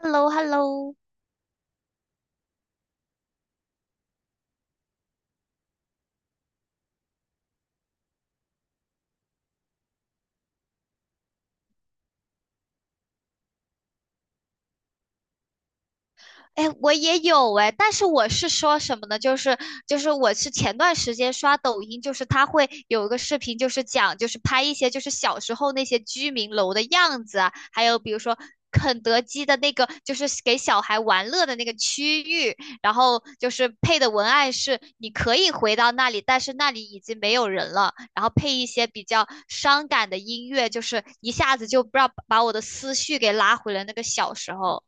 h e l l o h e l l o 哎，我也有哎，但是我是说什么呢？就是我是前段时间刷抖音，就是它会有一个视频，就是讲就是拍一些就是小时候那些居民楼的样子啊，还有比如说肯德基的那个就是给小孩玩乐的那个区域，然后就是配的文案是你可以回到那里，但是那里已经没有人了，然后配一些比较伤感的音乐，就是一下子就不知道把我的思绪给拉回了那个小时候。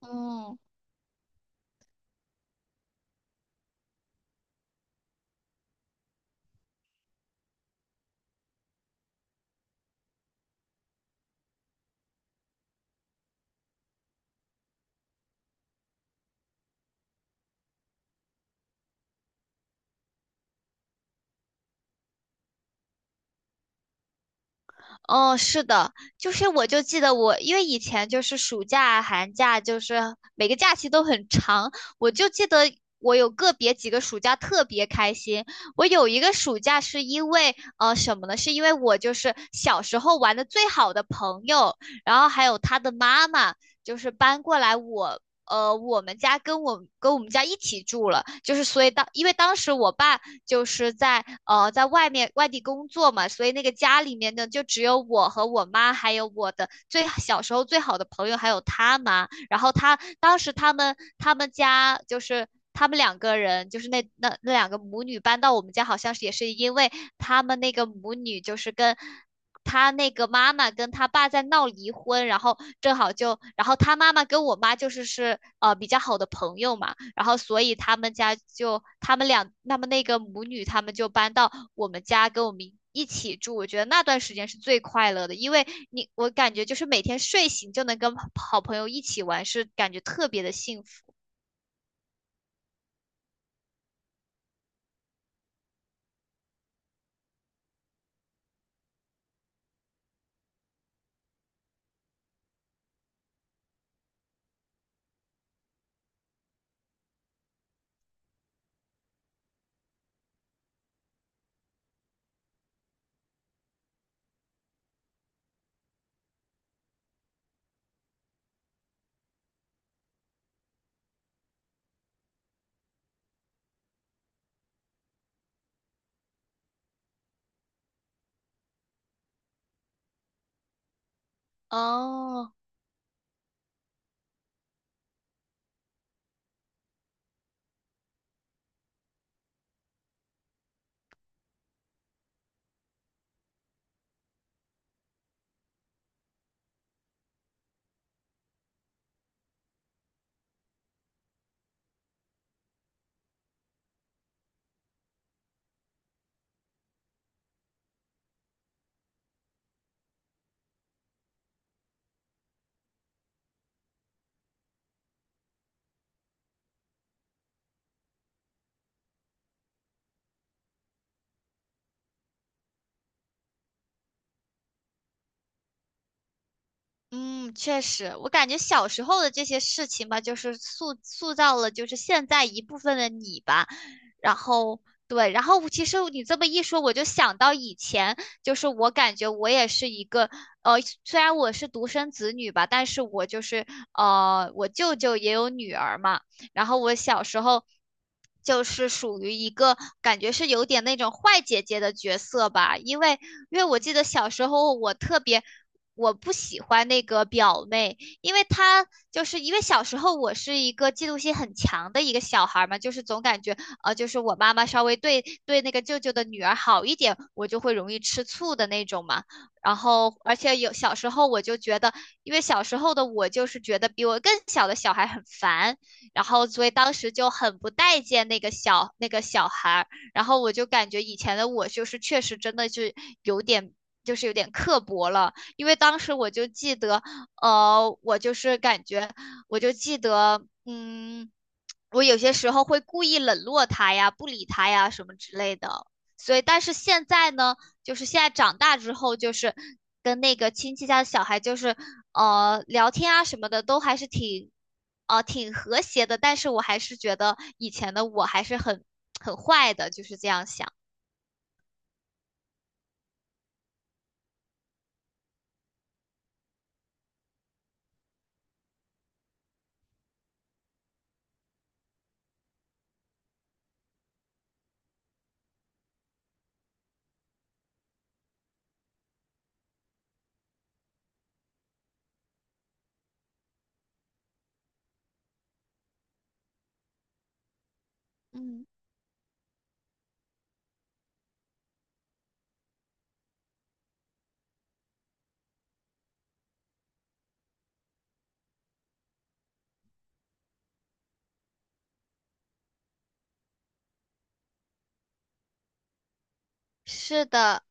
嗯，哦，是的，就是我就记得我，因为以前就是暑假、寒假，就是每个假期都很长，我就记得我有个别几个暑假特别开心。我有一个暑假是因为什么呢？是因为我就是小时候玩的最好的朋友，然后还有他的妈妈，就是搬过来我。我们家跟我跟我们家一起住了，就是所以当因为当时我爸就是在在外面外地工作嘛，所以那个家里面呢就只有我和我妈，还有我的最小时候最好的朋友，还有他妈。然后他当时他们家就是他们两个人，就是那两个母女搬到我们家，好像是也是因为他们那个母女就是跟他那个妈妈跟他爸在闹离婚，然后正好就，然后他妈妈跟我妈就是是比较好的朋友嘛，然后所以他们家就他们俩，他们那个母女他们就搬到我们家跟我们一起住，我觉得那段时间是最快乐的，因为你我感觉就是每天睡醒就能跟好朋友一起玩，是感觉特别的幸福。哦，嗯，确实，我感觉小时候的这些事情吧，就是塑造了就是现在一部分的你吧。然后对，然后其实你这么一说，我就想到以前，就是我感觉我也是一个呃，虽然我是独生子女吧，但是我就是我舅舅也有女儿嘛。然后我小时候就是属于一个感觉是有点那种坏姐姐的角色吧，因为我记得小时候我特别。我不喜欢那个表妹，因为她就是因为小时候我是一个嫉妒心很强的一个小孩儿嘛，就是总感觉就是我妈妈稍微对那个舅舅的女儿好一点，我就会容易吃醋的那种嘛。然后，而且有小时候我就觉得，因为小时候的我就是觉得比我更小的小孩很烦，然后所以当时就很不待见那个小孩儿，然后我就感觉以前的我就是确实真的是有点。就是有点刻薄了，因为当时我就记得，我就是感觉，我就记得，嗯，我有些时候会故意冷落他呀，不理他呀，什么之类的。所以，但是现在呢，就是现在长大之后，就是跟那个亲戚家的小孩，就是聊天啊什么的，都还是挺挺和谐的。但是我还是觉得以前的我还是很坏的，就是这样想。嗯，是的，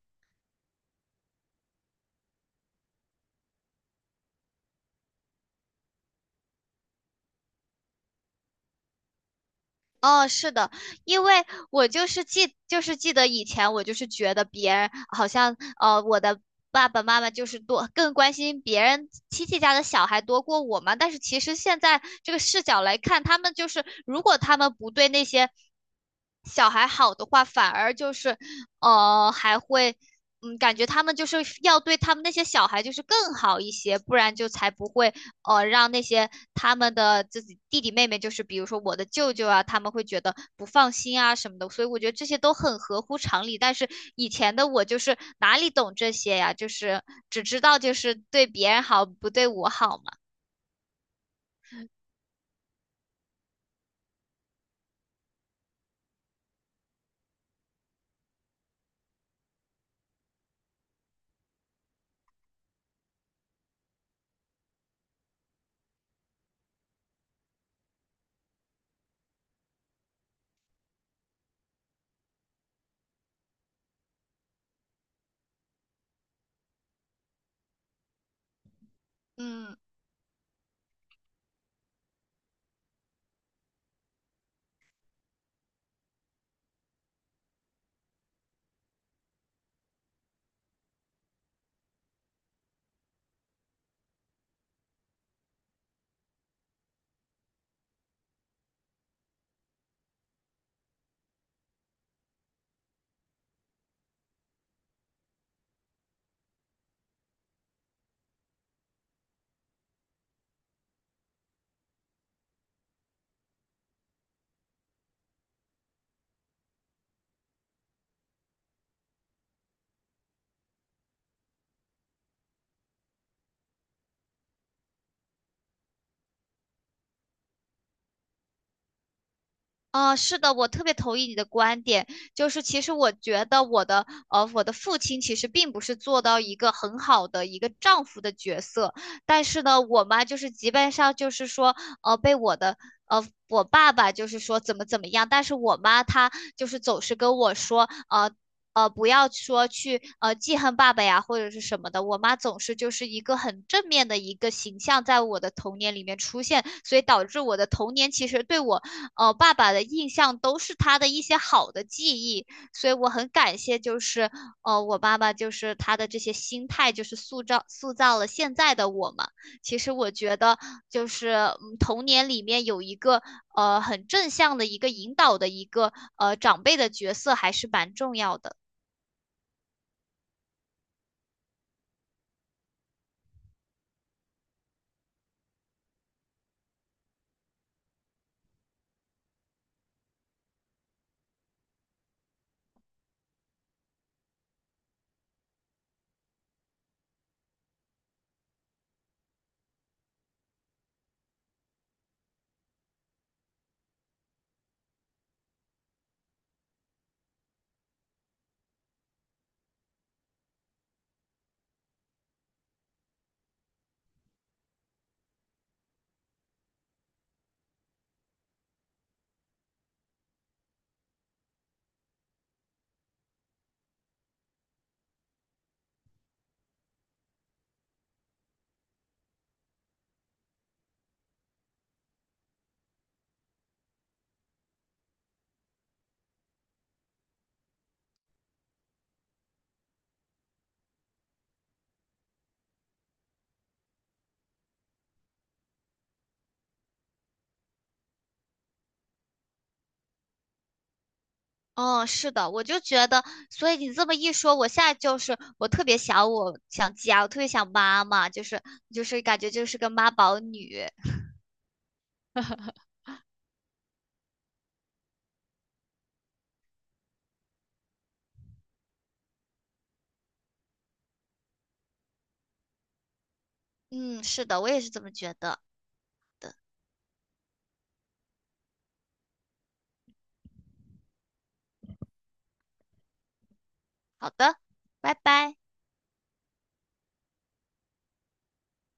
哦，是的，因为我就是记，就是记得以前我就是觉得别人好像，我的爸爸妈妈就是多更关心别人亲戚家的小孩多过我嘛。但是其实现在这个视角来看，他们就是如果他们不对那些小孩好的话，反而就是，还会，嗯，感觉他们就是要对他们那些小孩就是更好一些，不然就才不会哦，让那些他们的自己弟弟妹妹，就是比如说我的舅舅啊，他们会觉得不放心啊什么的，所以我觉得这些都很合乎常理。但是以前的我就是哪里懂这些呀，就是只知道就是对别人好，不对我好嘛。嗯，啊，是的，我特别同意你的观点，就是其实我觉得我的我的父亲其实并不是做到一个很好的一个丈夫的角色，但是呢，我妈就是基本上就是说，被我的我爸爸就是说怎么怎么样，但是我妈她就是总是跟我说，呃。不要说去记恨爸爸呀，或者是什么的。我妈总是就是一个很正面的一个形象，在我的童年里面出现，所以导致我的童年其实对我哦，爸爸的印象都是他的一些好的记忆，所以我很感谢，就是我爸爸就是他的这些心态，就是塑造了现在的我嘛。其实我觉得就是嗯童年里面有一个很正向的一个引导的一个长辈的角色还是蛮重要的。嗯，是的，我就觉得，所以你这么一说，我现在就是我特别想我想家，我特别想妈妈，就是就是感觉就是个妈宝女。嗯，是的，我也是这么觉得。好的，拜拜。